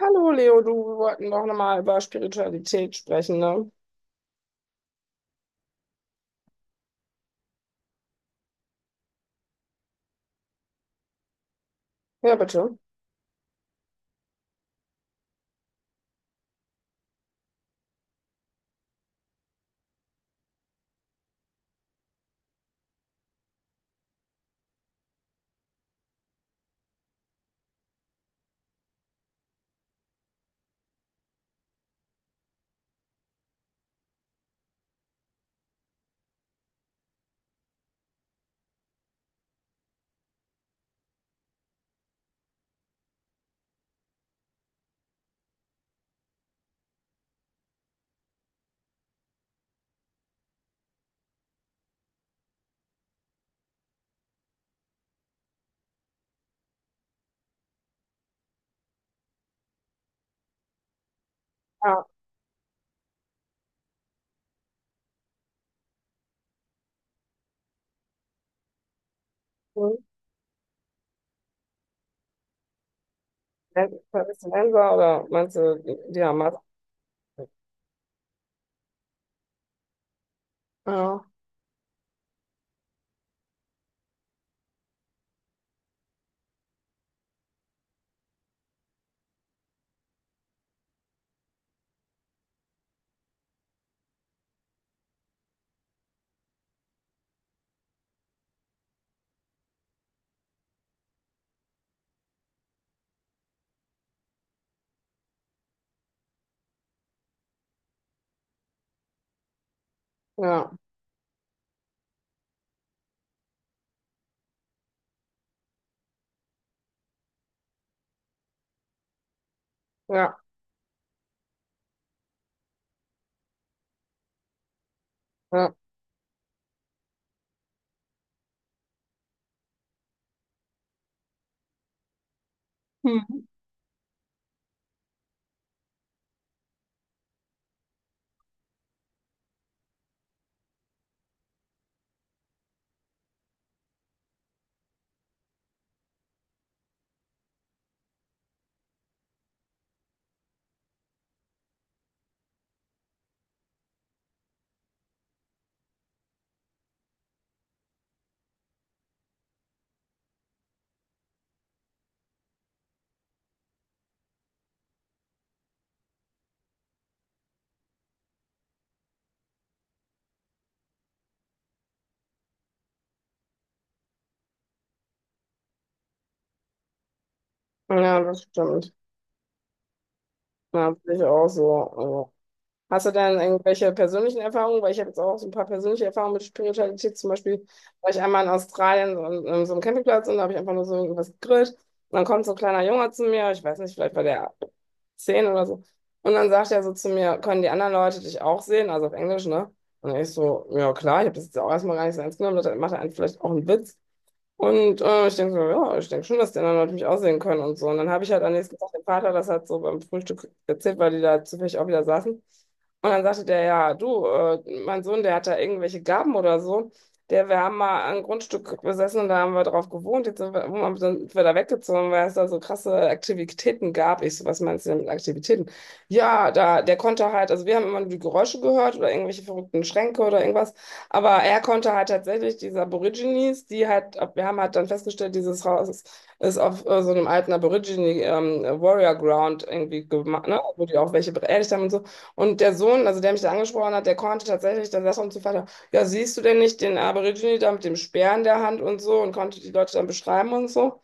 Hallo Leo, du, wir wollten doch nochmal über Spiritualität sprechen, ne? Ja, bitte. Ja. Hm. Palästinenser oder meinst du die Hamas? Ja, ja, ja, ja. Hm. Ja, das stimmt. Ja, sehe ich auch so. Also. Hast du denn irgendwelche persönlichen Erfahrungen? Weil ich habe jetzt auch so ein paar persönliche Erfahrungen mit Spiritualität. Zum Beispiel war ich einmal in Australien so an so einem Campingplatz und da habe ich einfach nur so irgendwas gegrillt. Und dann kommt so ein kleiner Junge zu mir. Ich weiß nicht, vielleicht war der 10 oder so. Und dann sagt er so zu mir, können die anderen Leute dich auch sehen? Also auf Englisch, ne? Und ich so, ja klar, ich habe das jetzt auch erstmal gar nicht so ernst genommen. Da macht er einen vielleicht auch einen Witz. Und ich denke so, ja, ich denke schon, dass die anderen Leute mich aussehen können und so. Und dann habe ich halt am nächsten Tag dem Vater das halt so beim Frühstück erzählt, weil die da zufällig auch wieder saßen. Und dann sagte der, ja, du, mein Sohn, der hat da irgendwelche Gaben oder so. Der, wir haben mal ein Grundstück besessen und da haben wir drauf gewohnt. Jetzt sind wir, wo sind wir da weggezogen, weil es da so krasse Aktivitäten gab. Ich so, was meinst du denn mit Aktivitäten? Ja, da, der konnte halt, also wir haben immer nur die Geräusche gehört oder irgendwelche verrückten Schränke oder irgendwas. Aber er konnte halt tatsächlich diese Aborigines, die halt, wir haben halt dann festgestellt, dieses Haus ist auf so einem alten Aborigine Warrior Ground irgendwie gemacht, ne? Wo die auch welche beerdigt haben und so. Und der Sohn, also der mich da angesprochen hat, der konnte tatsächlich, dann saß er uns zu Vater, ja, siehst du denn nicht den Aborigine da mit dem Speer in der Hand und so und konnte die Leute dann beschreiben und so.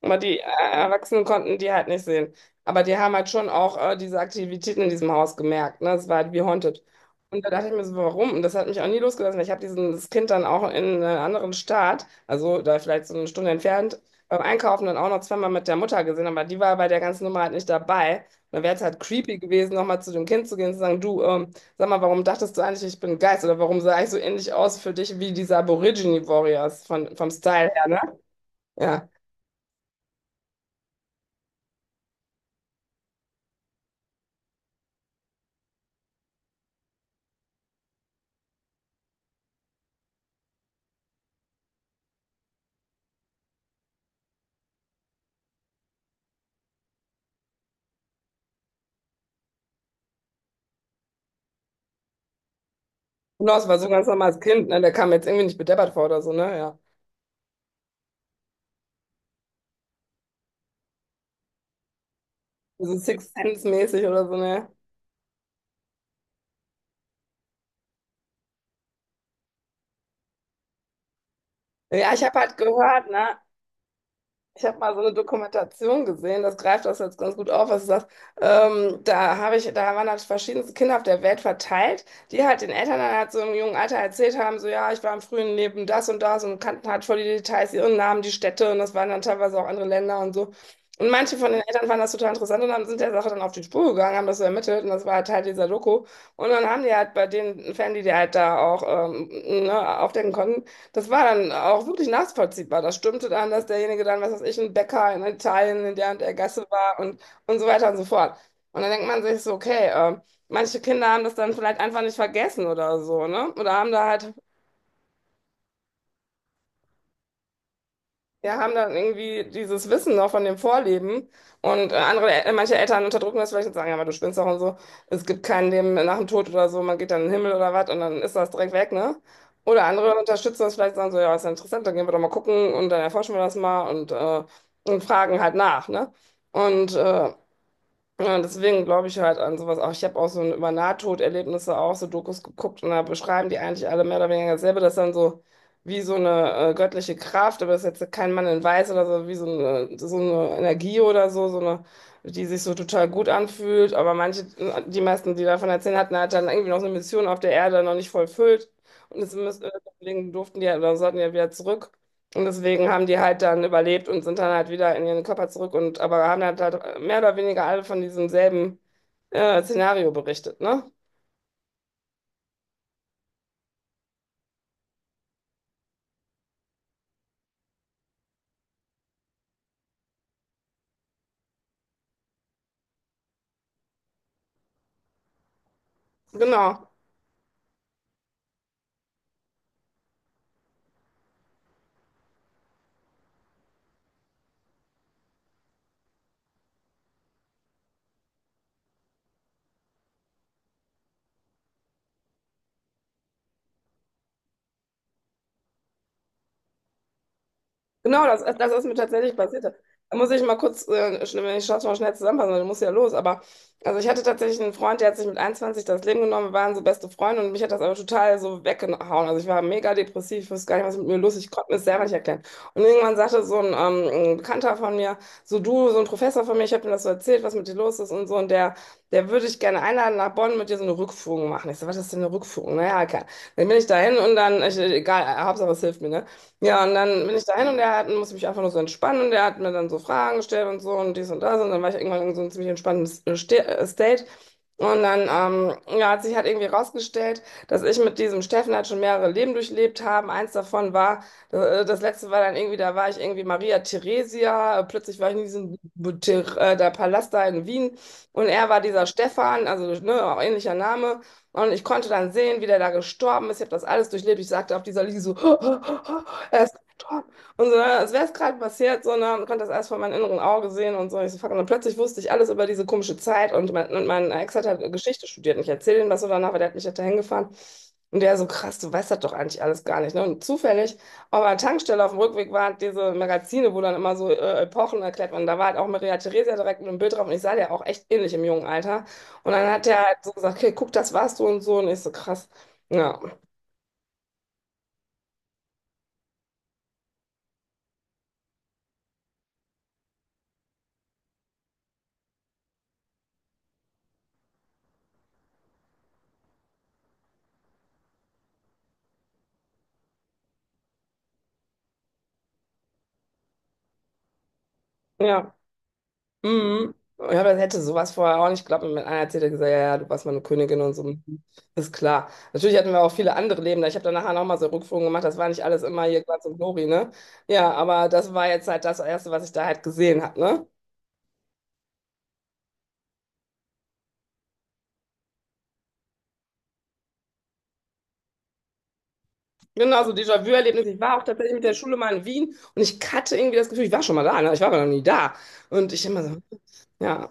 Aber die Erwachsenen konnten die halt nicht sehen. Aber die haben halt schon auch diese Aktivitäten in diesem Haus gemerkt. Ne? Es war halt wie Haunted. Und da dachte ich mir so, warum? Und das hat mich auch nie losgelassen. Ich habe dieses Kind dann auch in einem anderen Staat, also da vielleicht so eine Stunde entfernt, beim Einkaufen dann auch noch zweimal mit der Mutter gesehen. Aber die war bei der ganzen Nummer halt nicht dabei. Und dann wäre es halt creepy gewesen, nochmal zu dem Kind zu gehen und zu sagen, du, sag mal, warum dachtest du eigentlich, ich bin ein Geist? Oder warum sah ich so ähnlich aus für dich wie diese Aborigine Warriors von, vom Style her, ne? Ja. Genau, das war so ein ganz normales Kind, ne? Der kam jetzt irgendwie nicht bedeppert vor oder so, ne? Ja. So Sixth Sense-mäßig oder so, ne? Ja, ich habe halt gehört, ne? Ich habe mal so eine Dokumentation gesehen, das greift das jetzt ganz gut auf, was du sagst. Da habe ich, da waren halt verschiedenste Kinder auf der Welt verteilt, die halt den Eltern dann halt so im jungen Alter erzählt haben, so ja, ich war im frühen Leben das und das und kannten halt voll die Details, ihren Namen, die Städte und das waren dann teilweise auch andere Länder und so. Und manche von den Eltern fanden das total interessant und sind der Sache dann auf die Spur gegangen, haben das so ermittelt und das war halt Teil dieser Doku. Und dann haben die halt bei den Fans, die die halt da auch ähm, ne, aufdecken konnten, das war dann auch wirklich nachvollziehbar. Das stimmte dann, dass derjenige dann, was weiß ich, ein Bäcker in Italien in der und der Gasse war und so weiter und so fort. Und dann denkt man sich so, okay, manche Kinder haben das dann vielleicht einfach nicht vergessen oder so, ne? Oder haben da halt ja, haben dann irgendwie dieses Wissen noch von dem Vorleben. Und andere, manche Eltern unterdrücken das vielleicht und sagen, ja, aber du spinnst doch und so. Es gibt kein Leben nach dem Tod oder so, man geht dann in den Himmel oder was und dann ist das direkt weg, ne? Oder andere unterstützen das vielleicht, sagen so, ja, ist ja interessant, dann gehen wir doch mal gucken und dann erforschen wir das mal und fragen halt nach, ne? Und ja, deswegen glaube ich halt an sowas auch. Ich habe auch so über Nahtoderlebnisse auch so Dokus geguckt und da beschreiben die eigentlich alle mehr oder weniger dasselbe, dass dann so wie so eine göttliche Kraft, aber das ist jetzt kein Mann in Weiß oder so, wie so eine Energie oder so, so eine, die sich so total gut anfühlt. Aber manche, die meisten, die davon erzählen hatten, hat dann irgendwie noch so eine Mission auf der Erde noch nicht vollfüllt. Und das müssen, deswegen durften die ja, oder sollten die ja wieder zurück. Und deswegen haben die halt dann überlebt und sind dann halt wieder in ihren Körper zurück und aber haben halt mehr oder weniger alle von diesem selben Szenario berichtet, ne? Genau. Genau, das ist mir tatsächlich passiert. Da muss ich mal kurz, wenn ich schaffe, mal schnell zusammenfassen, weil du musst ja los. Aber also ich hatte tatsächlich einen Freund, der hat sich mit 21 das Leben genommen. Wir waren so beste Freunde und mich hat das aber total so weggehauen. Also ich war mega depressiv, ich wusste gar nicht, was mit mir los ist. Ich konnte mir das selber nicht erklären. Und irgendwann sagte so ein Bekannter von mir, so du, so ein Professor von mir, ich habe ihm das so erzählt, was mit dir los ist und so. Und der, der würde ich gerne einladen nach Bonn mit dir so eine Rückführung machen. Ich so, was ist denn eine Rückführung? Naja, okay. Dann bin ich dahin und dann, ich, egal, Hauptsache es hilft mir, ne? Ja, und dann bin ich dahin und er hat, musste mich einfach nur so entspannen und er hat mir dann so Fragen gestellt und so und dies und das und dann war ich irgendwann in so einem ziemlich entspannten State. Und dann ja, hat sich halt irgendwie rausgestellt, dass ich mit diesem Steffen halt schon mehrere Leben durchlebt habe. Eins davon war, das letzte war dann irgendwie, da war ich irgendwie Maria Theresia, plötzlich war ich in diesem der Palast da in Wien und er war dieser Stefan, also ne, auch ähnlicher Name. Und ich konnte dann sehen, wie der da gestorben ist. Ich habe das alles durchlebt. Ich sagte auf dieser Liege so, er ist gestorben. Und so, ne, als wäre es gerade passiert, so, ne, und konnte das alles vor meinem inneren Auge sehen und so. Ich so, fuck. Und dann plötzlich wusste ich alles über diese komische Zeit. Und mein Ex hat halt Geschichte studiert. Und ich erzähle ihm das so danach, weil der hat mich halt dahin gefahren. Und der so, krass, du weißt das doch eigentlich alles gar nicht. Ne? Und zufällig auf einer Tankstelle auf dem Rückweg waren diese Magazine, wo dann immer so Epochen erklärt werden. Da war halt auch Maria Theresia direkt mit einem Bild drauf. Und ich sah der auch echt ähnlich im jungen Alter. Und dann hat er halt so gesagt, okay, guck, das warst du und so. Und ich so, krass. Ja, ja. Mhm. Ja, aber das hätte sowas vorher auch nicht geglaubt. Und mit einer erzählt er gesagt, ja, ja, du warst meine Königin und so. Mhm. Ist klar. Natürlich hatten wir auch viele andere Leben. Ich habe dann nachher nochmal so Rückführungen gemacht. Das war nicht alles immer hier Glanz und Glory, ne? Ja, aber das war jetzt halt das Erste, was ich da halt gesehen habe, ne? Genau, so Déjà-vu-Erlebnis. Ich war auch tatsächlich mit der Schule mal in Wien und ich hatte irgendwie das Gefühl, ich war schon mal da, ne? Ich war aber noch nie da. Und ich immer so, ja.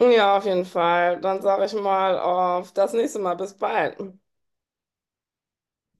Ja, auf jeden Fall. Dann sage ich mal auf das nächste Mal. Bis bald.